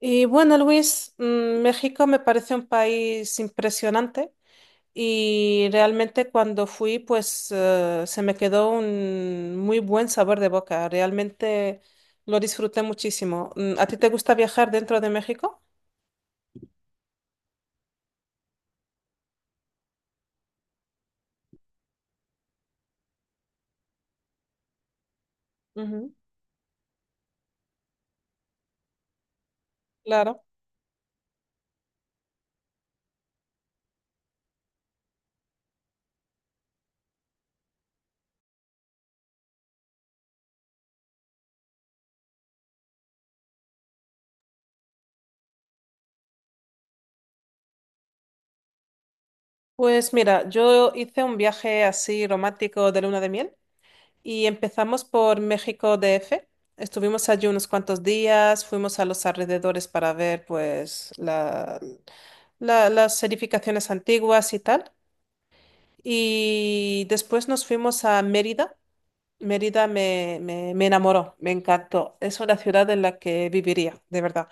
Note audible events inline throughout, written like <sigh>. Y bueno, Luis, México me parece un país impresionante y realmente cuando fui, pues se me quedó un muy buen sabor de boca. Realmente lo disfruté muchísimo. ¿A ti te gusta viajar dentro de México? Ujú. Claro. Pues mira, yo hice un viaje así romántico de luna de miel. Y empezamos por México DF. Estuvimos allí unos cuantos días, fuimos a los alrededores para ver pues las edificaciones antiguas y tal. Y después nos fuimos a Mérida. Mérida me enamoró, me encantó. Es una ciudad en la que viviría, de verdad.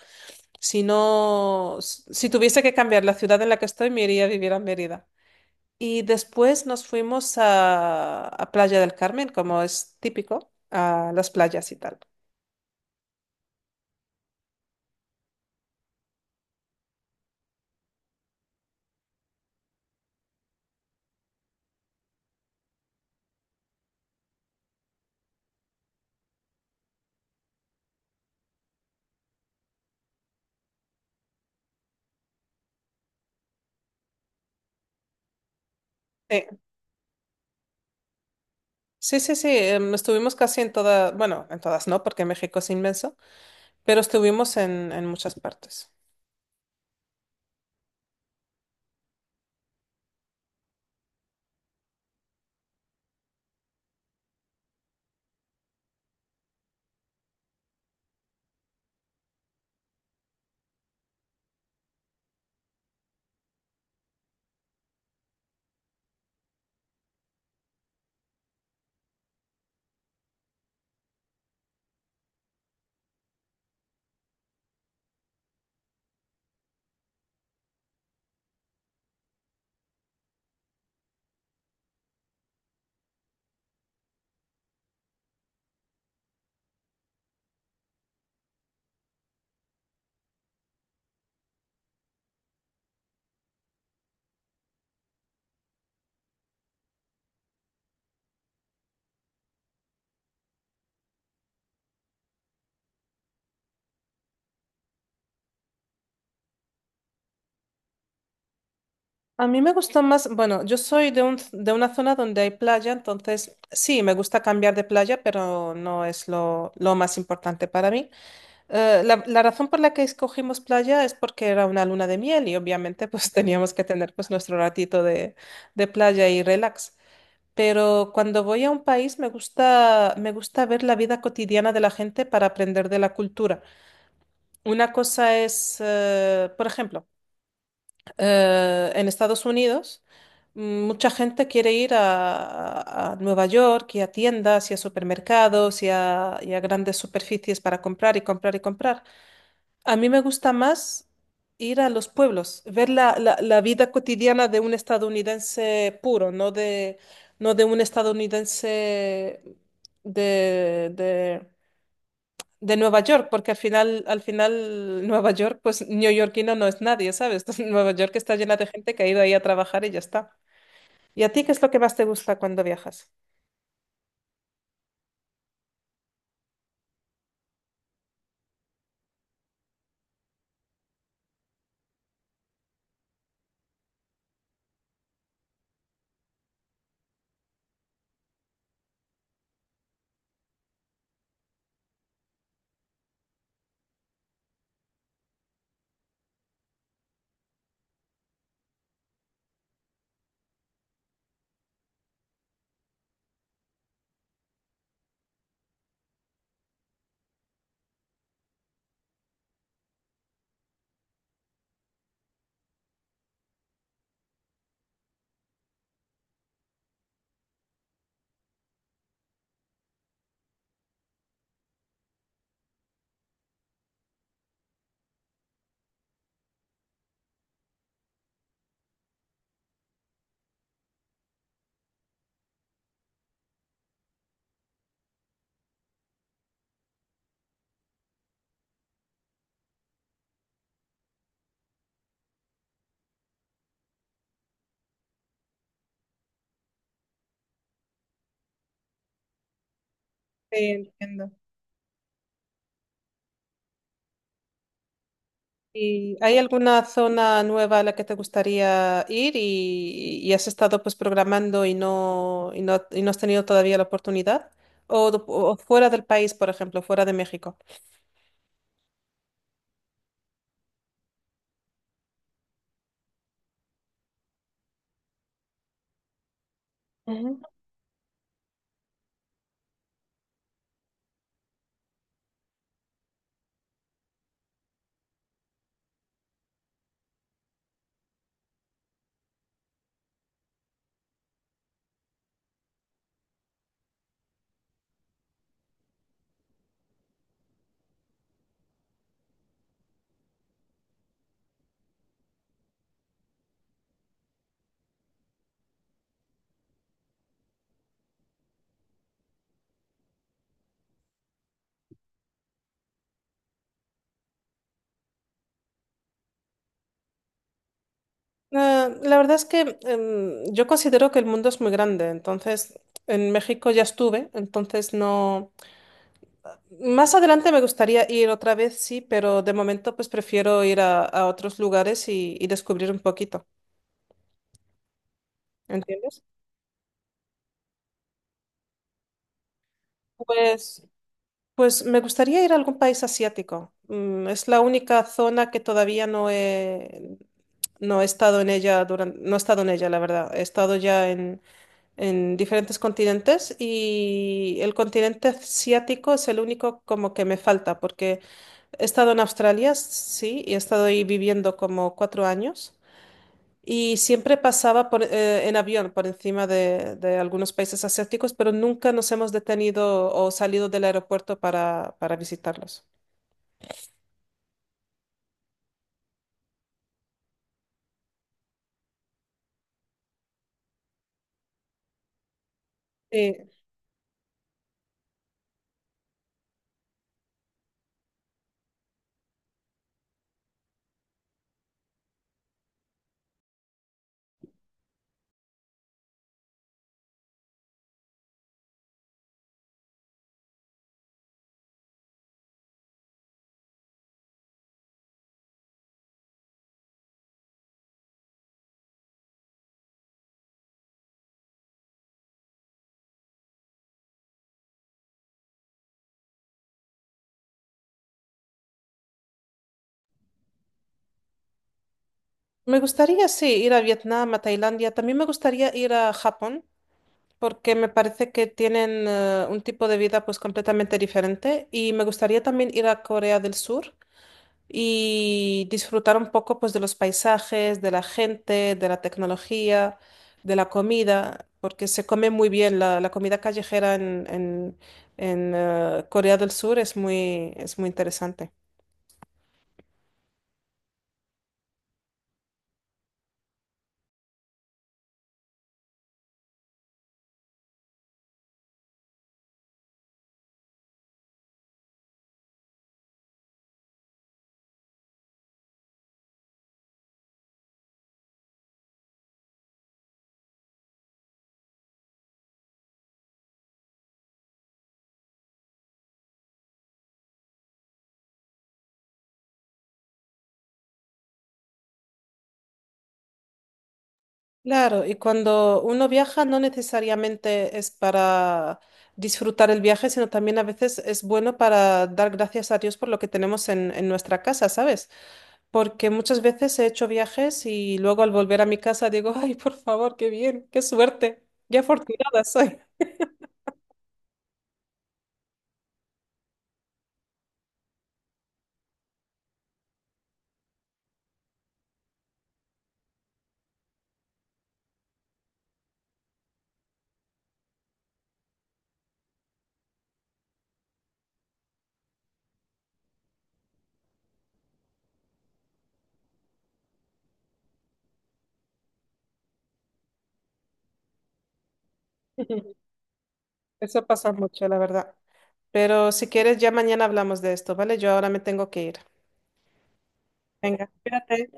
Si no, si tuviese que cambiar la ciudad en la que estoy, me iría a vivir a Mérida. Y después nos fuimos a Playa del Carmen, como es típico, a las playas y tal. Sí, sí, sí, sí, estuvimos casi en todas, bueno, en todas no, porque México es inmenso, pero estuvimos en muchas partes. A mí me gustó más, bueno, yo soy de una zona donde hay playa, entonces sí, me gusta cambiar de playa, pero no es lo más importante para mí. La razón por la que escogimos playa es porque era una luna de miel y obviamente pues <laughs> teníamos que tener pues nuestro ratito de playa y relax. Pero cuando voy a un país me gusta ver la vida cotidiana de la gente para aprender de la cultura. Una cosa es, por ejemplo, en Estados Unidos, mucha gente quiere ir a Nueva York y a tiendas y a supermercados y a grandes superficies para comprar y comprar y comprar. A mí me gusta más ir a los pueblos, ver la vida cotidiana de un estadounidense puro, no de, no de un estadounidense de, de- de Nueva York, porque al final Nueva York, pues neoyorquino no es nadie, ¿sabes? <laughs> Nueva York está llena de gente que ha ido ahí a trabajar y ya está. ¿Y a ti qué es lo que más te gusta cuando viajas? Sí, entiendo. ¿Y hay alguna zona nueva a la que te gustaría ir y has estado pues programando y no has tenido todavía la oportunidad? O fuera del país, por ejemplo, fuera de México. Ujú. Ah, la verdad es que yo considero que el mundo es muy grande, entonces en México ya estuve, entonces no... Más adelante me gustaría ir otra vez, sí, pero de momento pues prefiero ir a otros lugares y descubrir un poquito, ¿entiendes? Pues Pues me gustaría ir a algún país asiático. Es la única zona que todavía no he, no he estado en ella durante, no he estado en ella, la verdad. He estado ya en diferentes continentes y el continente asiático es el único como que me falta, porque he estado en Australia, sí, y he estado ahí viviendo como 4 años. Y siempre pasaba por, en avión por encima de algunos países asiáticos, pero nunca nos hemos detenido o salido del aeropuerto para visitarlos. Sí. Me gustaría, sí, ir a Vietnam, a Tailandia. También me gustaría ir a Japón, porque me parece que tienen un tipo de vida pues completamente diferente. Y me gustaría también ir a Corea del Sur, y disfrutar un poco pues de los paisajes, de la gente, de la tecnología, de la comida, porque se come muy bien la comida callejera en Corea del Sur es muy interesante. Claro, y cuando uno viaja no necesariamente es para disfrutar el viaje, sino también a veces es bueno para dar gracias a Dios por lo que tenemos en nuestra casa, ¿sabes? Porque muchas veces he hecho viajes y luego al volver a mi casa digo, ay, por favor, qué bien, qué suerte, qué afortunada soy. <laughs> Eso pasa mucho, la verdad. Pero si quieres, ya mañana hablamos de esto, ¿vale? Yo ahora me tengo que ir. Venga, espérate.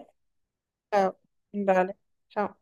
Chao. Vale, chao.